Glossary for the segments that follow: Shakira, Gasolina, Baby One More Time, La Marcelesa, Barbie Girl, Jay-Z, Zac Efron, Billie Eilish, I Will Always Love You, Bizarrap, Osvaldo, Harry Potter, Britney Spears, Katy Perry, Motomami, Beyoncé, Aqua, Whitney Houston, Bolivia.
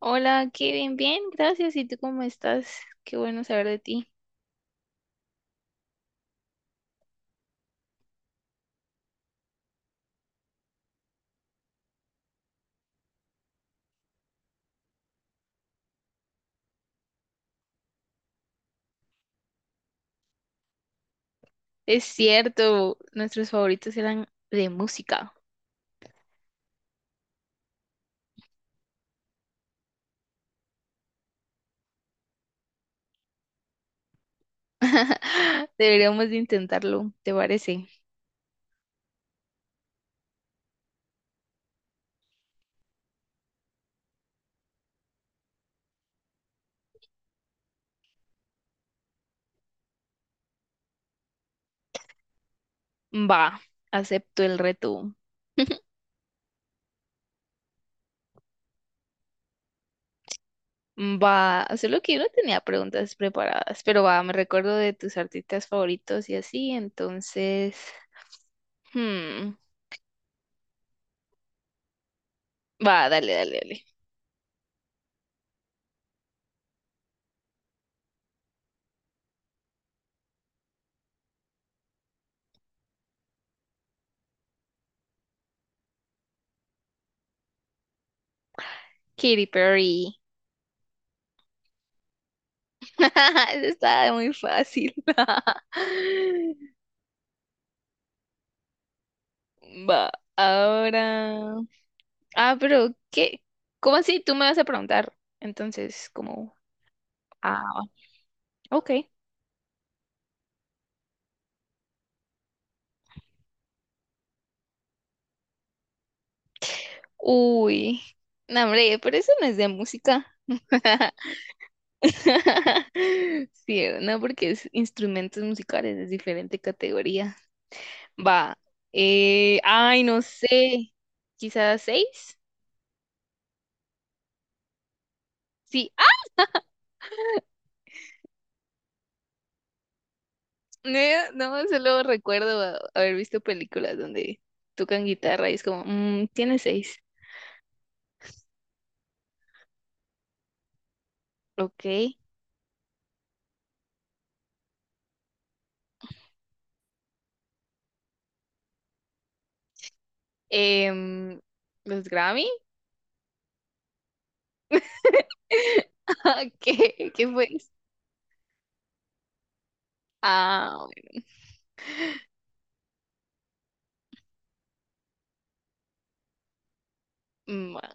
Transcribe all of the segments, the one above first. Hola, Kevin, bien, gracias. ¿Y tú cómo estás? Qué bueno saber de ti. Es cierto, nuestros favoritos eran de música. Deberíamos de intentarlo, ¿te parece? Va, acepto el reto. Va, solo que yo no tenía preguntas preparadas, pero va, me recuerdo de tus artistas favoritos y así, entonces... hmm, Va, dale, dale, dale. Katy Perry. Eso está muy fácil. Va, ahora. Ah, pero ¿qué? ¿Cómo así? Tú me vas a preguntar. Entonces, como. Ah, ok. Uy. No, hombre, pero eso no es de música. Sí, no, porque es instrumentos musicales, es diferente categoría. Va. Ay, no sé. Quizás seis. Sí. Ah, no, no, solo recuerdo haber visto películas donde tocan guitarra y es como, mm, tiene seis. Ok. Em, los Grammy. ¿Qué, qué fue eso? Ah, ma-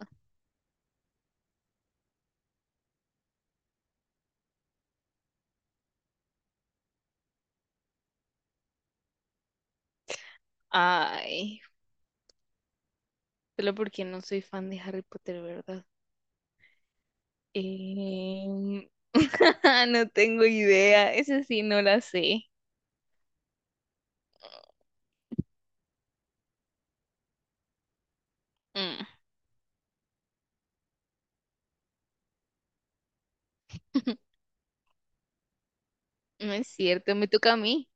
ay, solo porque no soy fan de Harry Potter, ¿verdad? Em, no tengo idea, esa sí no la sé. Mm, no es cierto, me toca a mí.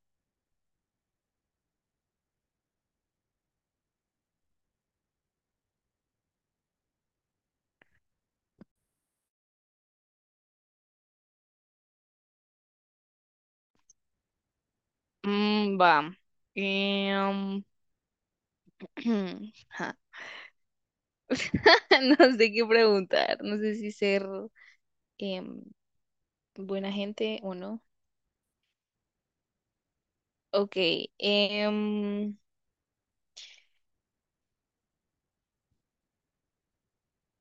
Mm, va. Em, ja, no sé qué preguntar, no sé si ser em, buena gente o no. Ok, em,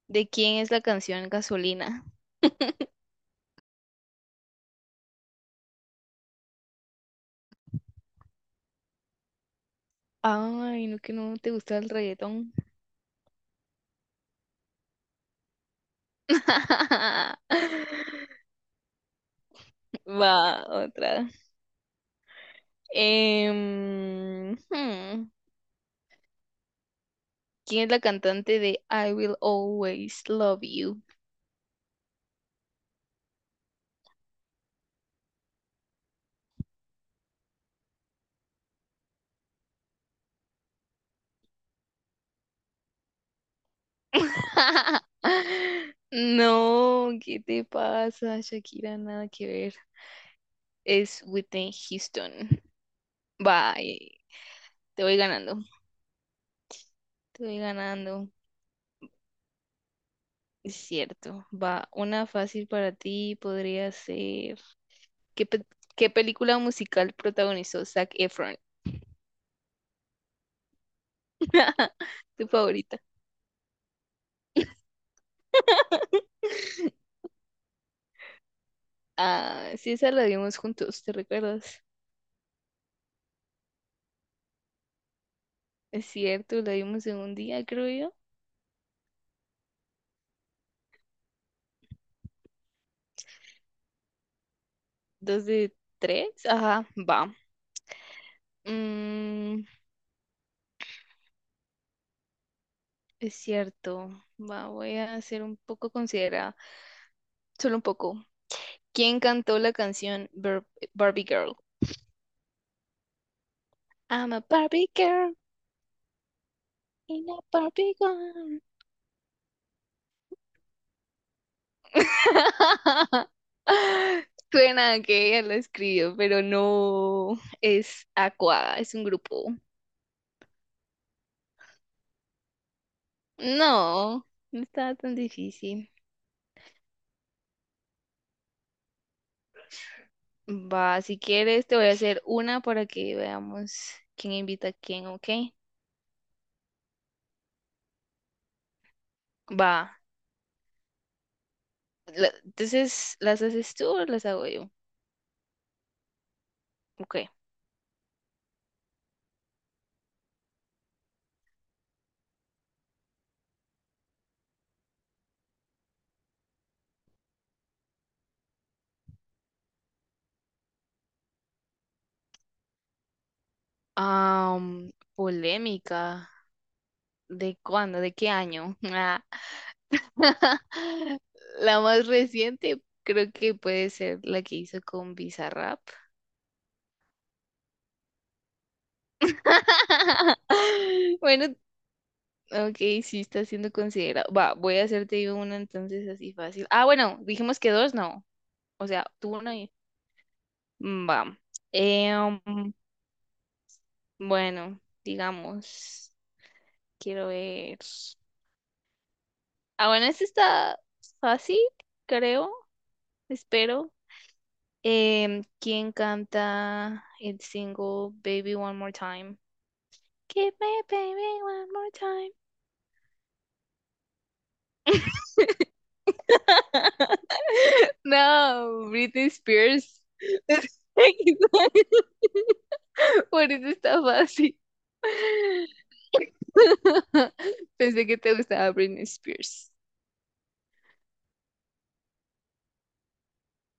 ¿de quién es la canción Gasolina? Ay, no que no te gusta el reggaetón. Va, otra. Em, hmm, ¿Quién es la cantante de I Will Always Love You? No, ¿qué te pasa, Shakira? Nada que ver. Es Whitney Houston. Va, te voy ganando. Te voy ganando. Es cierto. Va, una fácil para ti podría ser. ¿Qué, qué película musical protagonizó Zac Efron? ¿Tu favorita? Ah, sí, esa la vimos juntos, ¿te recuerdas? Es cierto, la vimos en un día, creo yo. Dos de tres. Ajá, va. Mm, es cierto. Va, voy a ser un poco considerada. Solo un poco. ¿Quién cantó la canción Barbie Girl? I'm a Barbie girl in a Barbie girl. Suena que ella lo escribió, pero no es Aqua, es un grupo. No, no estaba tan difícil. Va, si quieres te voy a hacer una para que veamos quién invita a quién, ¿ok? Va, entonces, ¿las haces tú o las hago yo? Ok. Am, polémica. ¿De cuándo? ¿De qué año? Ah. La más reciente creo que puede ser la que hizo con Bizarrap. Bueno, ok, sí está siendo considerado. Va, voy a hacerte yo una entonces así fácil. Ah, bueno, dijimos que dos, no. O sea, tú una y... Mm, va. Eh, um, bueno, digamos, quiero ver. Ah, bueno, este está fácil, creo, espero. ¿Quién canta el single Baby One More Time? Give me baby one more time. No, Britney Spears. Por eso está fácil. Pensé que te gustaba Britney Spears.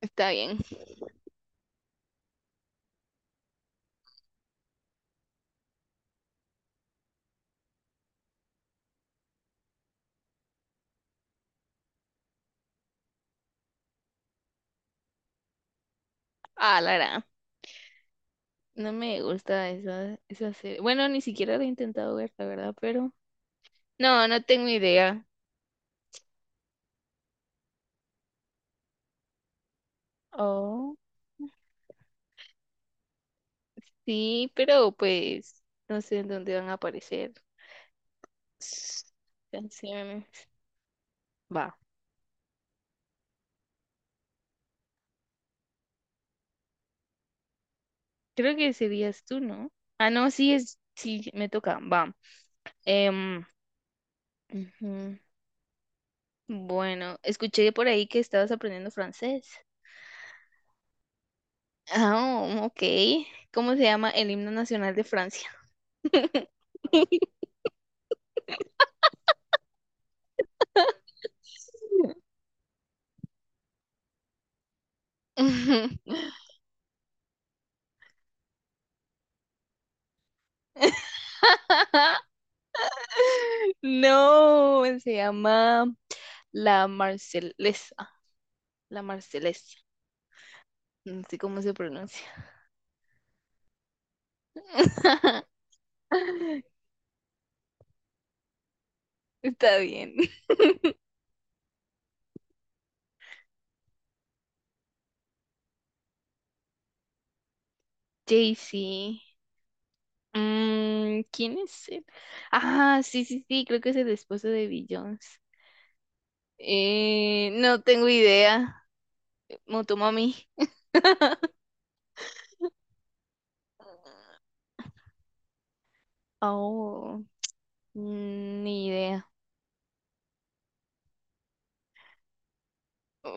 Está bien. Ah, Lara. No me gusta esa, esa serie. Bueno, ni siquiera la he intentado ver, la verdad, pero. No, no tengo idea. Oh, sí, pero pues no sé en dónde van a aparecer. S- Canciones. Va. Creo que serías tú, ¿no? Ah, no, sí es. Sí, me toca. Va. Em, ujú. Bueno, escuché por ahí que estabas aprendiendo francés. Ah, oh, ok. ¿Cómo se llama el himno nacional de Francia? Ujú. No, se llama La Marcelesa. La Marcelesa. No sé cómo se pronuncia. Está bien. Jay-Z. Mm, ¿quién es él? Ah, sí, sí, sí, creo que es el esposo de Beyoncé. No tengo idea. Motomami. Oh, mm, ni idea.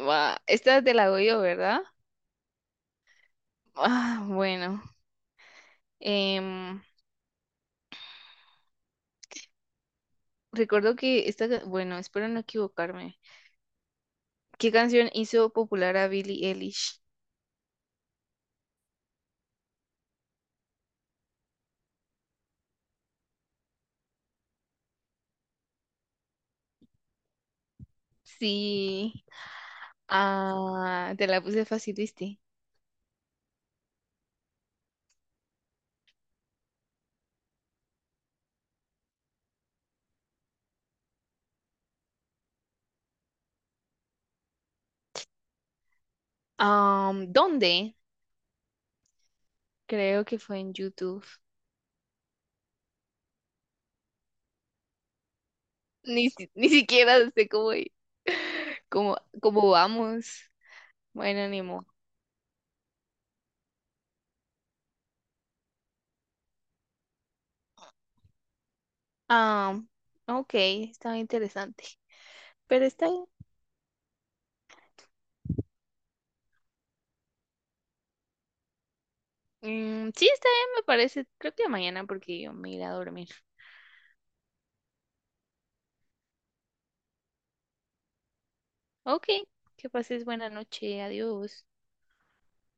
Va, esta te la hago yo, ¿verdad? Ah, bueno. Em, recuerdo que esta, bueno, espero no equivocarme. ¿Qué canción hizo popular a Billie Eilish? Sí. Ah, te la puse fácil, ¿viste? Am, ¿dónde? Creo que fue en YouTube. Ni siquiera sé cómo vamos. Bueno, ni modo. Ah, ok, está interesante. Pero está bien. Mm, sí, está bien, me parece. Creo que mañana porque yo me iré a dormir. Ok, que pases buena noche. Adiós.